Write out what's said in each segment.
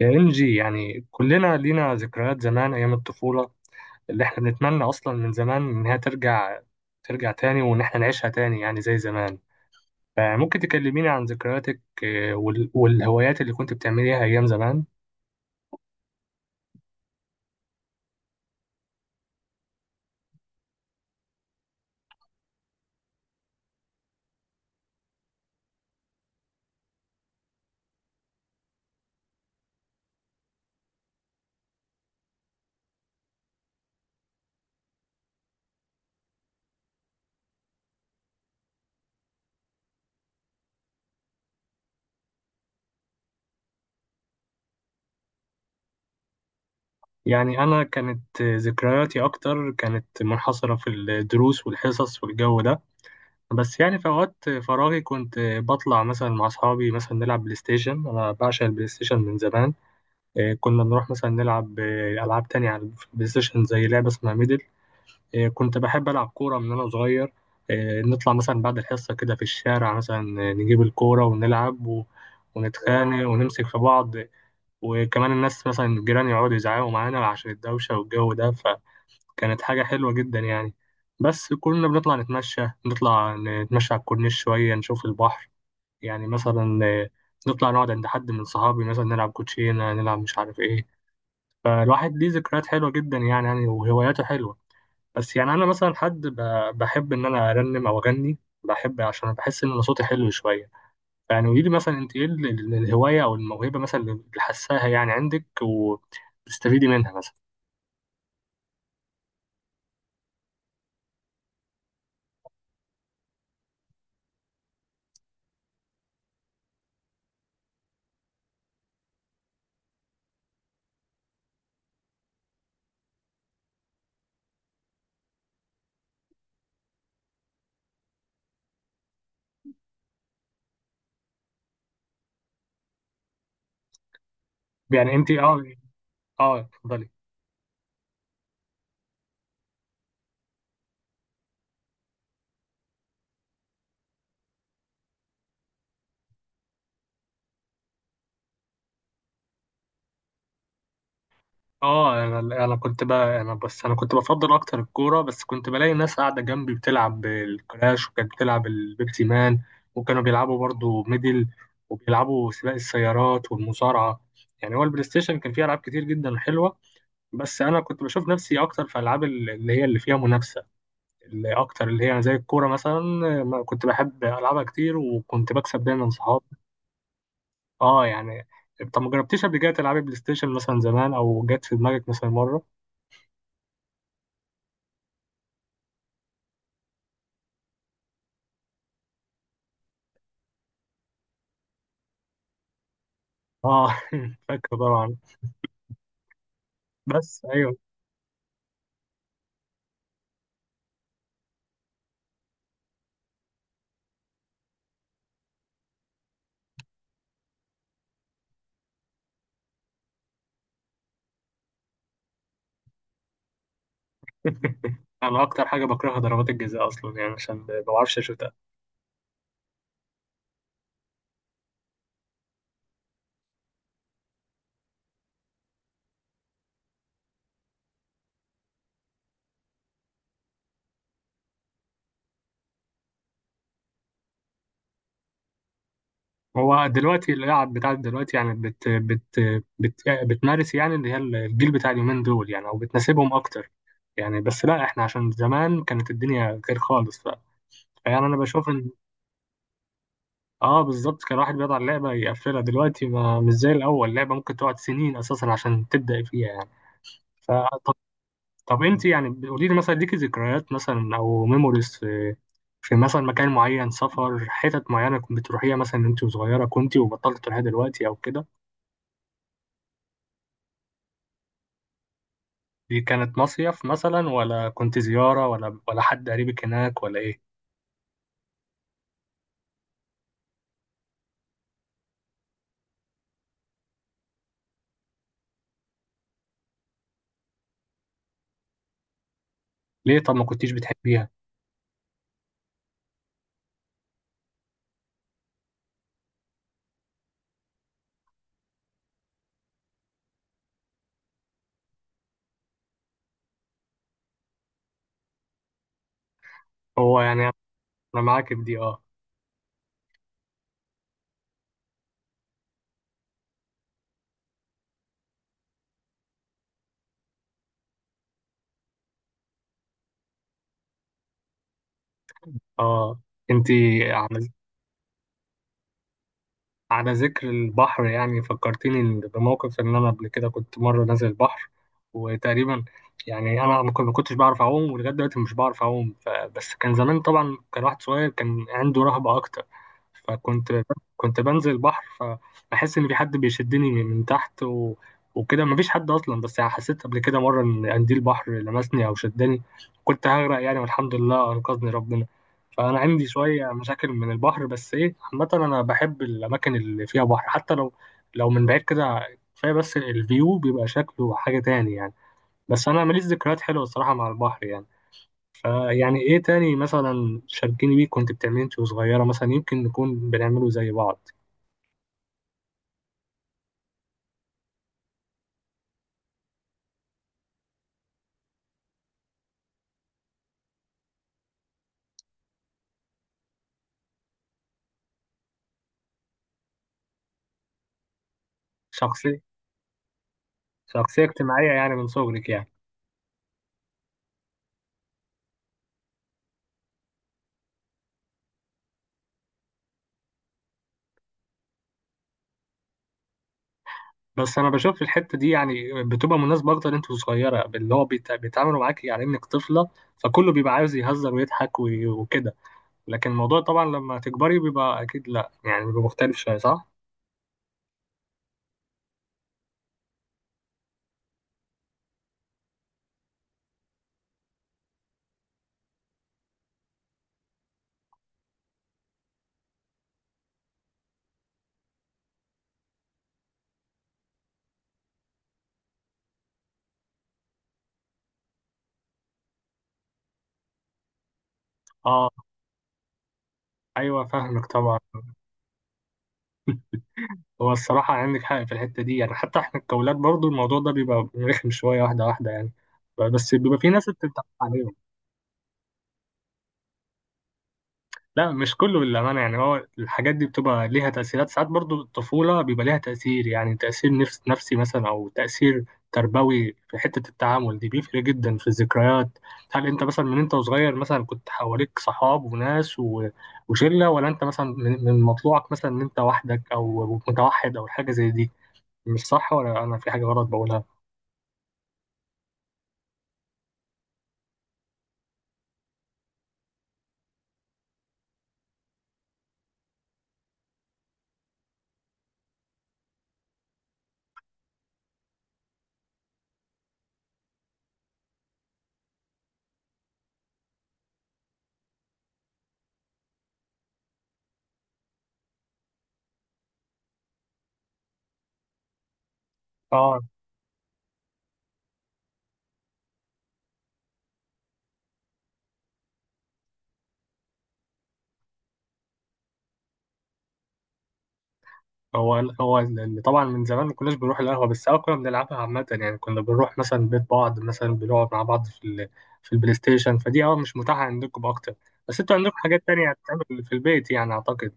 يا إنجي، يعني كلنا لينا ذكريات زمان أيام الطفولة اللي إحنا بنتمنى أصلا من زمان إنها ترجع، ترجع تاني وإن إحنا نعيشها تاني يعني زي زمان. فممكن تكلميني عن ذكرياتك، والهوايات اللي كنت بتعمليها أيام زمان؟ يعني أنا كانت ذكرياتي أكتر كانت منحصرة في الدروس والحصص والجو ده، بس يعني في أوقات فراغي كنت بطلع مثلا مع أصحابي مثلا نلعب بلاي ستيشن. أنا بعشق البلاي ستيشن من زمان. كنا نروح مثلا نلعب ألعاب تانية على البلاي ستيشن، زي لعبة اسمها ميدل. كنت بحب ألعب كورة من وأنا صغير. نطلع مثلا بعد الحصة كده في الشارع مثلا، نجيب الكورة ونلعب ونتخانق ونمسك في بعض، وكمان الناس مثلا الجيران يقعدوا يزعقوا معانا عشان الدوشة والجو ده. فكانت حاجة حلوة جدا يعني. بس كنا بنطلع نتمشى، نطلع نتمشى على الكورنيش شوية نشوف البحر. يعني مثلا نطلع نقعد عند حد من صحابي مثلا نلعب كوتشينة، نلعب مش عارف ايه. فالواحد ليه ذكريات حلوة جدا يعني، يعني وهواياته حلوة. بس يعني أنا مثلا حد بحب إن أنا أرنم أو أغني. بحب عشان بحس إن أنا صوتي حلو شوية. يعني قولي لي مثلا، أنت إيه الهواية أو الموهبة مثلا اللي حاساها يعني عندك وبتستفيدي منها مثلا؟ يعني أنت أه. أه اتفضلي. اه انا. انا كنت بقى انا بس انا كنت بفضل اكتر الكوره، بس كنت بلاقي ناس قاعده جنبي بتلعب الكراش وكانت بتلعب البيبسي مان، وكانوا بيلعبوا برضو ميدل، وبيلعبوا سباق السيارات والمصارعه. يعني هو البلاي ستيشن كان فيه العاب كتير جدا حلوه، بس انا كنت بشوف نفسي اكتر في العاب اللي هي اللي فيها منافسه، اللي هي زي الكوره مثلا. ما كنت بحب العبها كتير، وكنت بكسب دايما صحابي. اه يعني، طب ما جربتيش قبل كده تلعبي بلاي ستيشن مثلا زمان، او جت في دماغك مثلا مره؟ اه فاكره طبعا. بس ايوه. انا اكتر حاجه بكرهها ضربات الجزاء اصلا، يعني عشان ما بعرفش اشوتها. هو دلوقتي اللعب بتاعت دلوقتي يعني بت يعني بتمارس، يعني اللي هي الجيل بتاع اليومين دول، يعني او بتناسبهم اكتر يعني. بس لا، احنا عشان زمان كانت الدنيا غير خالص. فيعني انا بشوف ان. اه بالظبط، كان الواحد بيقعد على اللعبه يقفلها، دلوقتي ما مش زي الاول، اللعبه ممكن تقعد سنين اساسا عشان تبدا فيها يعني. ف طب انت يعني قولي لي مثلا، ليكي ذكريات مثلا او ميموريز في، في مثلا مكان معين، سفر، حتت معينه كنت بتروحيها مثلا انت وصغيره كنت وبطلت تروحيها دلوقتي او كده؟ دي كانت مصيف مثلا، ولا كنت زياره، ولا حد قريبك هناك، ولا ايه؟ ليه طب ما كنتيش بتحبيها؟ هو يعني، انا معاك في دي اه. اه انت. على على ذكر البحر، يعني فكرتني بموقف ان انا قبل كده كنت مره نازل البحر، وتقريبا يعني انا ما كنتش بعرف اعوم، ولغايه دلوقتي مش بعرف اعوم. بس كان زمان طبعا، كان واحد صغير، كان عنده رهبه اكتر. فكنت كنت بنزل البحر فبحس ان في حد بيشدني من تحت، و... وكده مفيش حد اصلا. بس يعني حسيت قبل كده مره ان قنديل البحر لمسني او شدني، كنت هغرق يعني، والحمد لله انقذني ربنا. فأنا عندي شوية مشاكل من البحر، بس إيه، عامة أنا بحب الأماكن اللي فيها بحر، حتى لو، لو من بعيد كده، كفاية بس الفيو بيبقى شكله حاجة تاني يعني. بس أنا ماليش ذكريات حلوة الصراحة مع البحر يعني. فيعني إيه تاني مثلا شاركيني بيه، كنت بتعمليه أنت وصغيرة مثلا، يمكن نكون بنعمله زي بعض؟ شخصية، شخصية اجتماعية يعني من صغرك يعني. بس أنا بشوف الحتة دي يعني بتبقى مناسبة أكتر أنت وصغيرة، اللي هو بيتعاملوا معاك على إنك طفلة، فكله بيبقى عاوز يهزر ويضحك وكده. لكن الموضوع طبعا لما تكبري بيبقى اكيد لا، يعني بيبقى مختلف شويه، صح؟ اه، ايوه فاهمك طبعا. هو الصراحه عندك حق في الحته دي يعني، حتى احنا كأولاد برضو الموضوع ده بيبقى رخم شويه، واحده واحده يعني. بس بيبقى في ناس بتتعب عليه. لا مش كله للأمانة يعني، هو الحاجات دي بتبقى ليها تأثيرات ساعات، برضو الطفولة بيبقى ليها تأثير، يعني تأثير نفسي مثلا، أو تأثير تربوي في حتة التعامل دي، بيفرق جدا في الذكريات. هل أنت مثلا من أنت وصغير مثلا كنت حواليك صحاب وناس وشلة، ولا أنت مثلا من مطلوعك مثلا إن أنت وحدك أو متوحد أو حاجة زي دي؟ مش صح، ولا أنا في حاجة غلط بقولها؟ هو هو اللي طبعا من زمان ما كناش بنروح القهوة، بس أه كنا بنلعبها عامة يعني، كنا بنروح مثلا بيت بعض مثلا، بنقعد مع بعض في ال، في البلاي ستيشن. فدي أه مش متاحة عندكم أكتر، بس أنتوا عندكم حاجات تانية هتتعمل في البيت يعني أعتقد.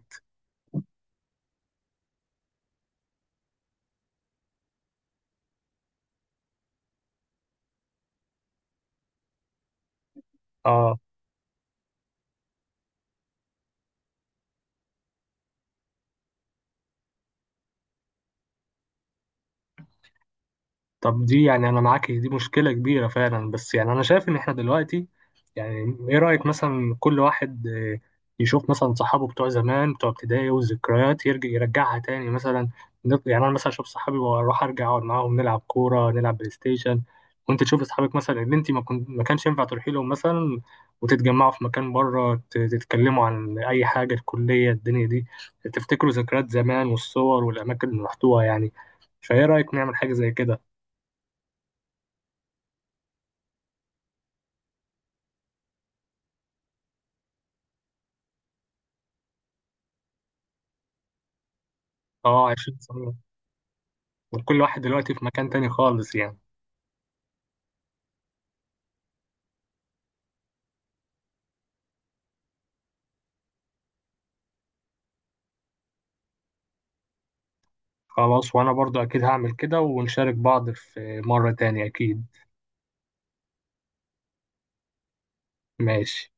أه طب دي يعني انا معاك، دي مشكله كبيره فعلا. بس يعني انا شايف ان احنا دلوقتي، يعني ايه رايك مثلا كل واحد يشوف مثلا صحابه بتوع زمان بتوع ابتدائي، والذكريات يرجع يرجعها تاني مثلا. يعني انا مثلا اشوف صحابي واروح ارجع اقعد معاهم، نلعب كوره نلعب بلاي ستيشن، وانت تشوف اصحابك مثلا اللي انت ما كانش ينفع تروحي لهم مثلا، وتتجمعوا في مكان بره تتكلموا عن اي حاجه، الكليه، الدنيا دي، تفتكروا ذكريات زمان والصور والاماكن اللي رحتوها يعني. فايه رايك نعمل حاجه زي كده؟ اه 20 سنة. وكل واحد دلوقتي في مكان تاني خالص يعني. خلاص وانا برضو اكيد هعمل كده، ونشارك بعض في مرة تانية اكيد. ماشي.